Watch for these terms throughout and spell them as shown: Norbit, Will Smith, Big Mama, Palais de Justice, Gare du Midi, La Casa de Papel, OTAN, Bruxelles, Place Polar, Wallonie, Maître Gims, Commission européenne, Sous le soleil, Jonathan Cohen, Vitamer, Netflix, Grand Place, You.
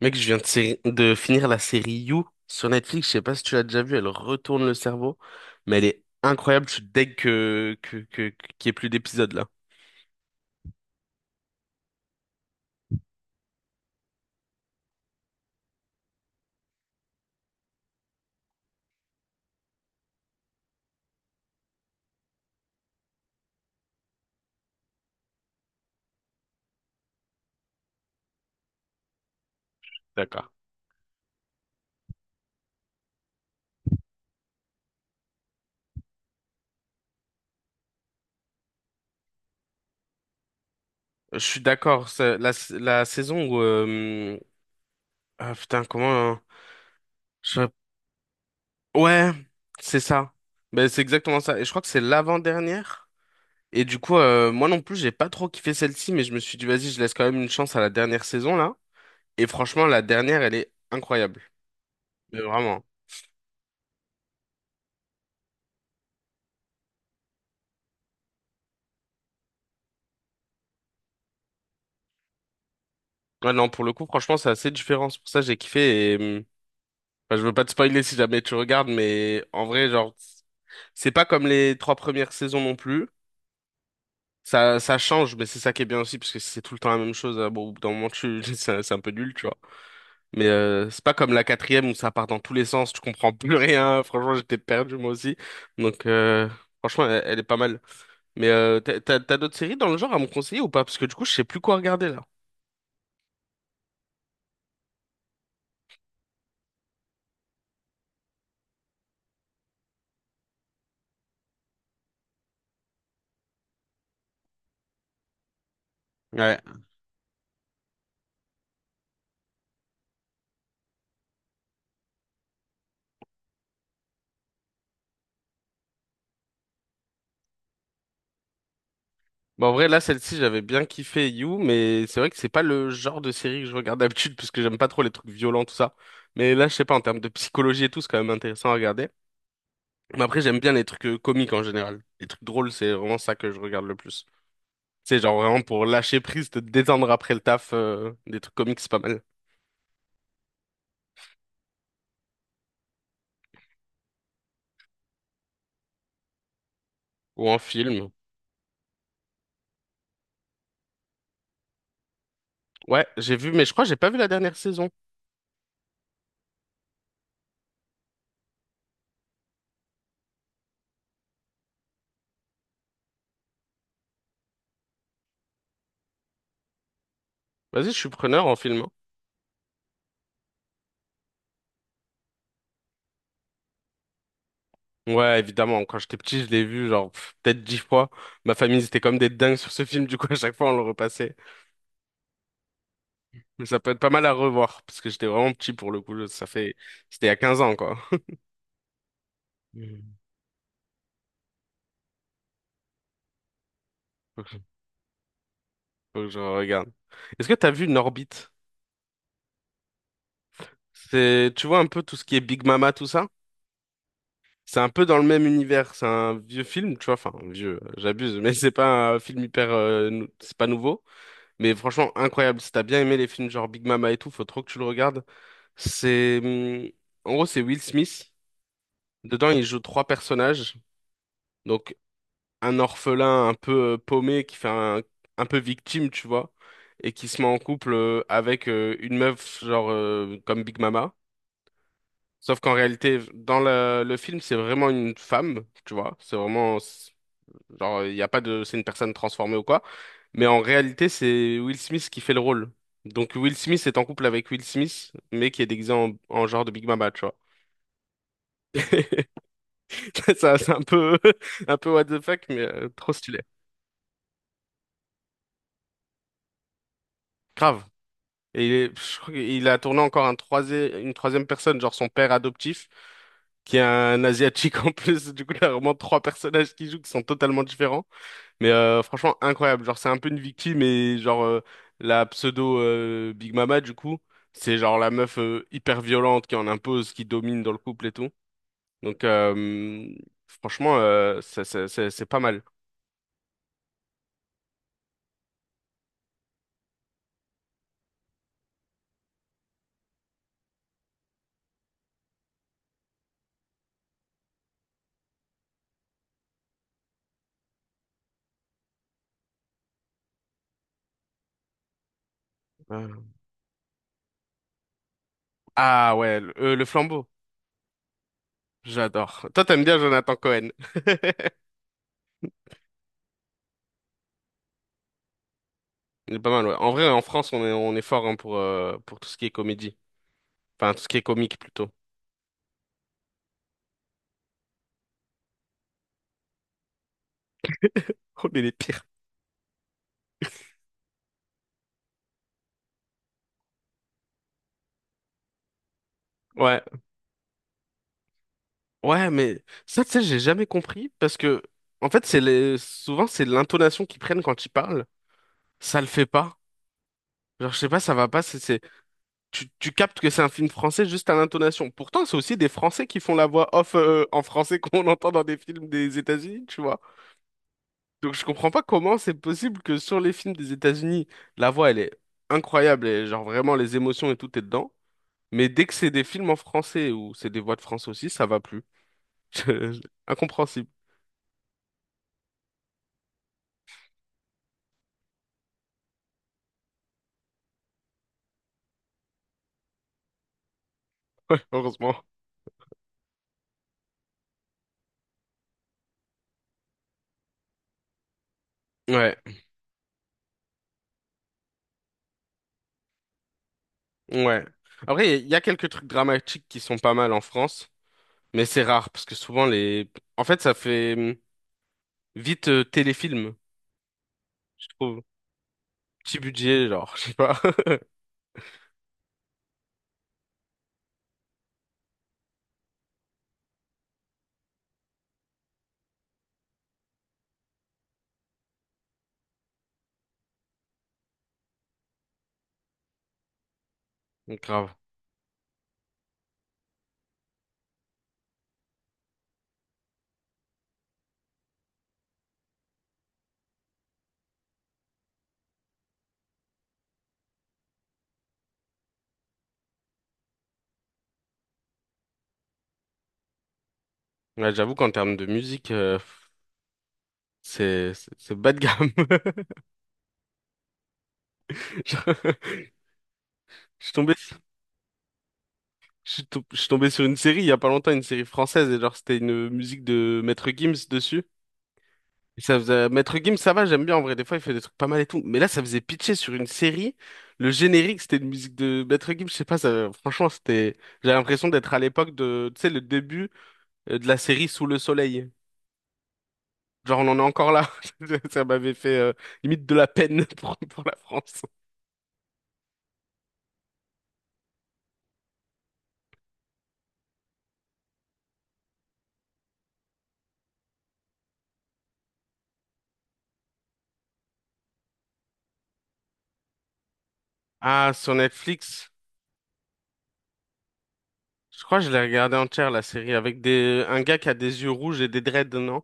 Mec, je viens de, de finir la série You sur Netflix. Je sais pas si tu l'as déjà vue. Elle retourne le cerveau, mais elle est incroyable. Je suis deg qu'il y ait plus d'épisodes là. D'accord. Je suis d'accord. C'est la saison où, ah, putain, comment, hein, je Ouais, c'est ça. Ben, c'est exactement ça. Et je crois que c'est l'avant-dernière. Et du coup, moi non plus, j'ai pas trop kiffé celle-ci, mais je me suis dit, vas-y, je laisse quand même une chance à la dernière saison, là. Et franchement, la dernière, elle est incroyable. Mais vraiment. Ouais, non, pour le coup, franchement, c'est assez différent. C'est pour ça que j'ai kiffé. Et... enfin, je veux pas te spoiler si jamais tu regardes, mais en vrai, genre, c'est pas comme les trois premières saisons non plus. Ça change, mais c'est ça qui est bien aussi, parce que si c'est tout le temps la même chose, bon, au bout d'un moment, tu... c'est un peu nul, tu vois. Mais c'est pas comme la quatrième où ça part dans tous les sens, tu comprends plus rien. Franchement, j'étais perdu moi aussi. Donc franchement, elle, elle est pas mal. Mais t'as d'autres séries dans le genre à me conseiller ou pas? Parce que du coup, je sais plus quoi regarder là. Ouais. Bon, en vrai, là, celle-ci, j'avais bien kiffé You, mais c'est vrai que c'est pas le genre de série que je regarde d'habitude, parce que j'aime pas trop les trucs violents, tout ça. Mais là, je sais pas, en termes de psychologie et tout, c'est quand même intéressant à regarder. Mais après, j'aime bien les trucs comiques en général. Les trucs drôles, c'est vraiment ça que je regarde le plus. Tu sais, genre vraiment pour lâcher prise, te détendre après le taf, des trucs comiques, c'est pas mal. Ou en film. Ouais, j'ai vu, mais je crois que j'ai pas vu la dernière saison. Vas-y, je suis preneur en film, hein. Ouais, évidemment, quand j'étais petit, je l'ai vu genre pff, peut-être dix fois. Ma famille, c'était comme des dingues sur ce film, du coup, à chaque fois, on le repassait. Mais ça peut être pas mal à revoir, parce que j'étais vraiment petit pour le coup. Ça fait... C'était il y a 15 ans, quoi. Hmm. Faut que je faut que je regarde. Est-ce que t'as vu Norbit? C'est, tu vois un peu tout ce qui est Big Mama, tout ça? C'est un peu dans le même univers, c'est un vieux film, tu vois, enfin vieux, j'abuse, mais c'est pas un film hyper, c'est pas nouveau, mais franchement incroyable. Si t'as bien aimé les films genre Big Mama et tout, faut trop que tu le regardes. C'est, en gros, c'est Will Smith. Dedans, il joue trois personnages, donc un orphelin un peu paumé qui fait un peu victime, tu vois, et qui se met en couple avec une meuf genre comme Big Mama. Sauf qu'en réalité, dans le film, c'est vraiment une femme, tu vois. C'est vraiment Genre, il n'y a pas de, c'est une personne transformée ou quoi. Mais en réalité, c'est Will Smith qui fait le rôle. Donc Will Smith est en couple avec Will Smith, mais qui est déguisé en genre de Big Mama, tu vois. Ça, c'est un peu, un peu what the fuck, mais trop stylé. Grave. Je crois qu'il a tourné encore un troisième, une troisième personne, genre son père adoptif, qui est un asiatique en plus. Du coup, il y a vraiment trois personnages qui jouent qui sont totalement différents. Mais franchement, incroyable. Genre, c'est un peu une victime et genre la pseudo Big Mama du coup, c'est genre la meuf hyper violente qui en impose, qui domine dans le couple et tout. Donc franchement, c'est pas mal. Euh, Ah ouais, le flambeau. J'adore. Toi, t'aimes bien Jonathan Cohen. Il est pas mal, ouais. En vrai, en France, on est fort hein, pour tout ce qui est comédie. Enfin, tout ce qui est comique plutôt. On est les pires. Ouais. Ouais, mais ça, tu sais, j'ai jamais compris parce que, en fait, c'est les... souvent, c'est l'intonation qu'ils prennent quand ils parlent. Ça le fait pas. Genre, je sais pas, ça va pas. C'est... tu captes que c'est un film français juste à l'intonation. Pourtant, c'est aussi des Français qui font la voix off en français qu'on entend dans des films des États-Unis, tu vois. Donc, je comprends pas comment c'est possible que sur les films des États-Unis, la voix, elle est incroyable et, genre, vraiment, les émotions et tout est dedans. Mais dès que c'est des films en français ou c'est des voix de France aussi, ça va plus. Incompréhensible, heureusement. Ouais. Ouais. Après, il y a quelques trucs dramatiques qui sont pas mal en France, mais c'est rare parce que souvent les. En fait, ça fait vite téléfilm, je trouve. Petit budget, genre, je sais pas. Donc, grave. Ouais, j'avoue qu'en termes de musique, c'est bas de gamme. Je je suis tombé, sur- je suis tombé sur une série il y a pas longtemps, une série française et genre c'était une musique de Maître Gims dessus. Ça faisait... Maître Gims, ça va, j'aime bien en vrai. Des fois, il fait des trucs pas mal et tout. Mais là, ça faisait pitcher sur une série. Le générique, c'était une musique de Maître Gims. Je sais pas, ça- franchement, c'était. J'ai l'impression d'être à l'époque de, tu sais, le début de la série Sous le soleil. Genre, on en est encore là. Ça m'avait fait limite de la peine pour la France. Ah, sur Netflix, je crois que je l'ai regardé entière, la série, avec des... un gars qui a des yeux rouges et des dreads, non?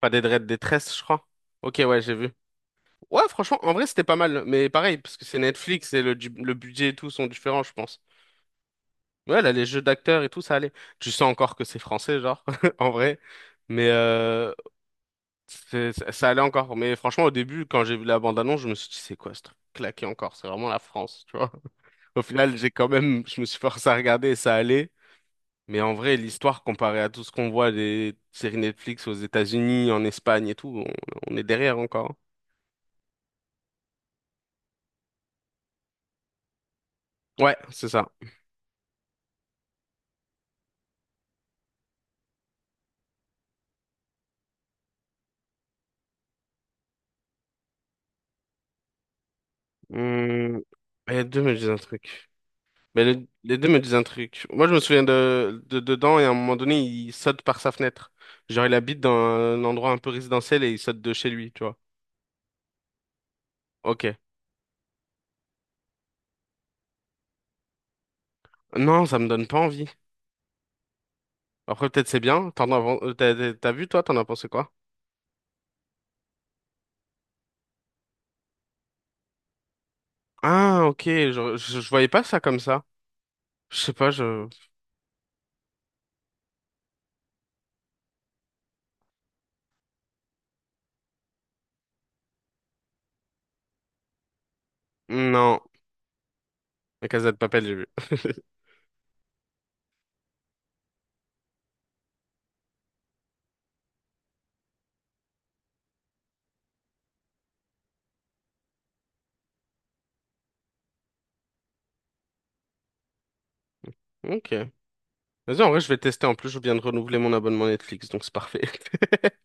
Pas des dreads, des tresses, je crois. Ok, ouais, j'ai vu. Ouais, franchement, en vrai, c'était pas mal. Mais pareil, parce que c'est Netflix et le budget et tout sont différents, je pense. Ouais, là, les jeux d'acteurs et tout, ça allait. Tu sens encore que c'est français, genre, en vrai. Mais ça allait encore. Mais franchement, au début, quand j'ai vu la bande-annonce, je me suis dit, c'est quoi ce truc claqué encore? C'est vraiment la France, tu vois. Au final, j'ai quand même, je me suis forcé à regarder et ça allait. Mais en vrai, l'histoire, comparée à tout ce qu'on voit des séries Netflix aux États-Unis, en Espagne et tout, on est derrière encore, hein. Ouais, c'est ça. Hmm, les deux me disent un truc. Mais les deux me disent un truc. Moi, je me souviens de dedans et à un moment donné, il saute par sa fenêtre. Genre, il habite dans un endroit un peu résidentiel et il saute de chez lui, tu vois. Ok. Non, ça me donne pas envie. Après, peut-être c'est bien. T'as vu, toi, t'en as pensé quoi? Ah, ok. Je voyais pas ça comme ça. Je sais pas, je... Non. La Casa de Papel, j'ai vu. Ok. Vas-y, en vrai, je vais tester. En plus, je viens de renouveler mon abonnement Netflix, donc c'est parfait.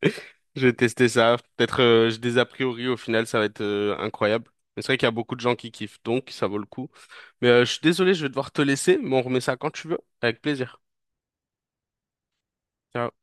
Je vais tester ça. Peut-être j'ai des a priori, au final, ça va être incroyable. Mais c'est vrai qu'il y a beaucoup de gens qui kiffent, donc ça vaut le coup. Mais je suis désolé, je vais devoir te laisser, mais on remet ça quand tu veux, avec plaisir. Ciao.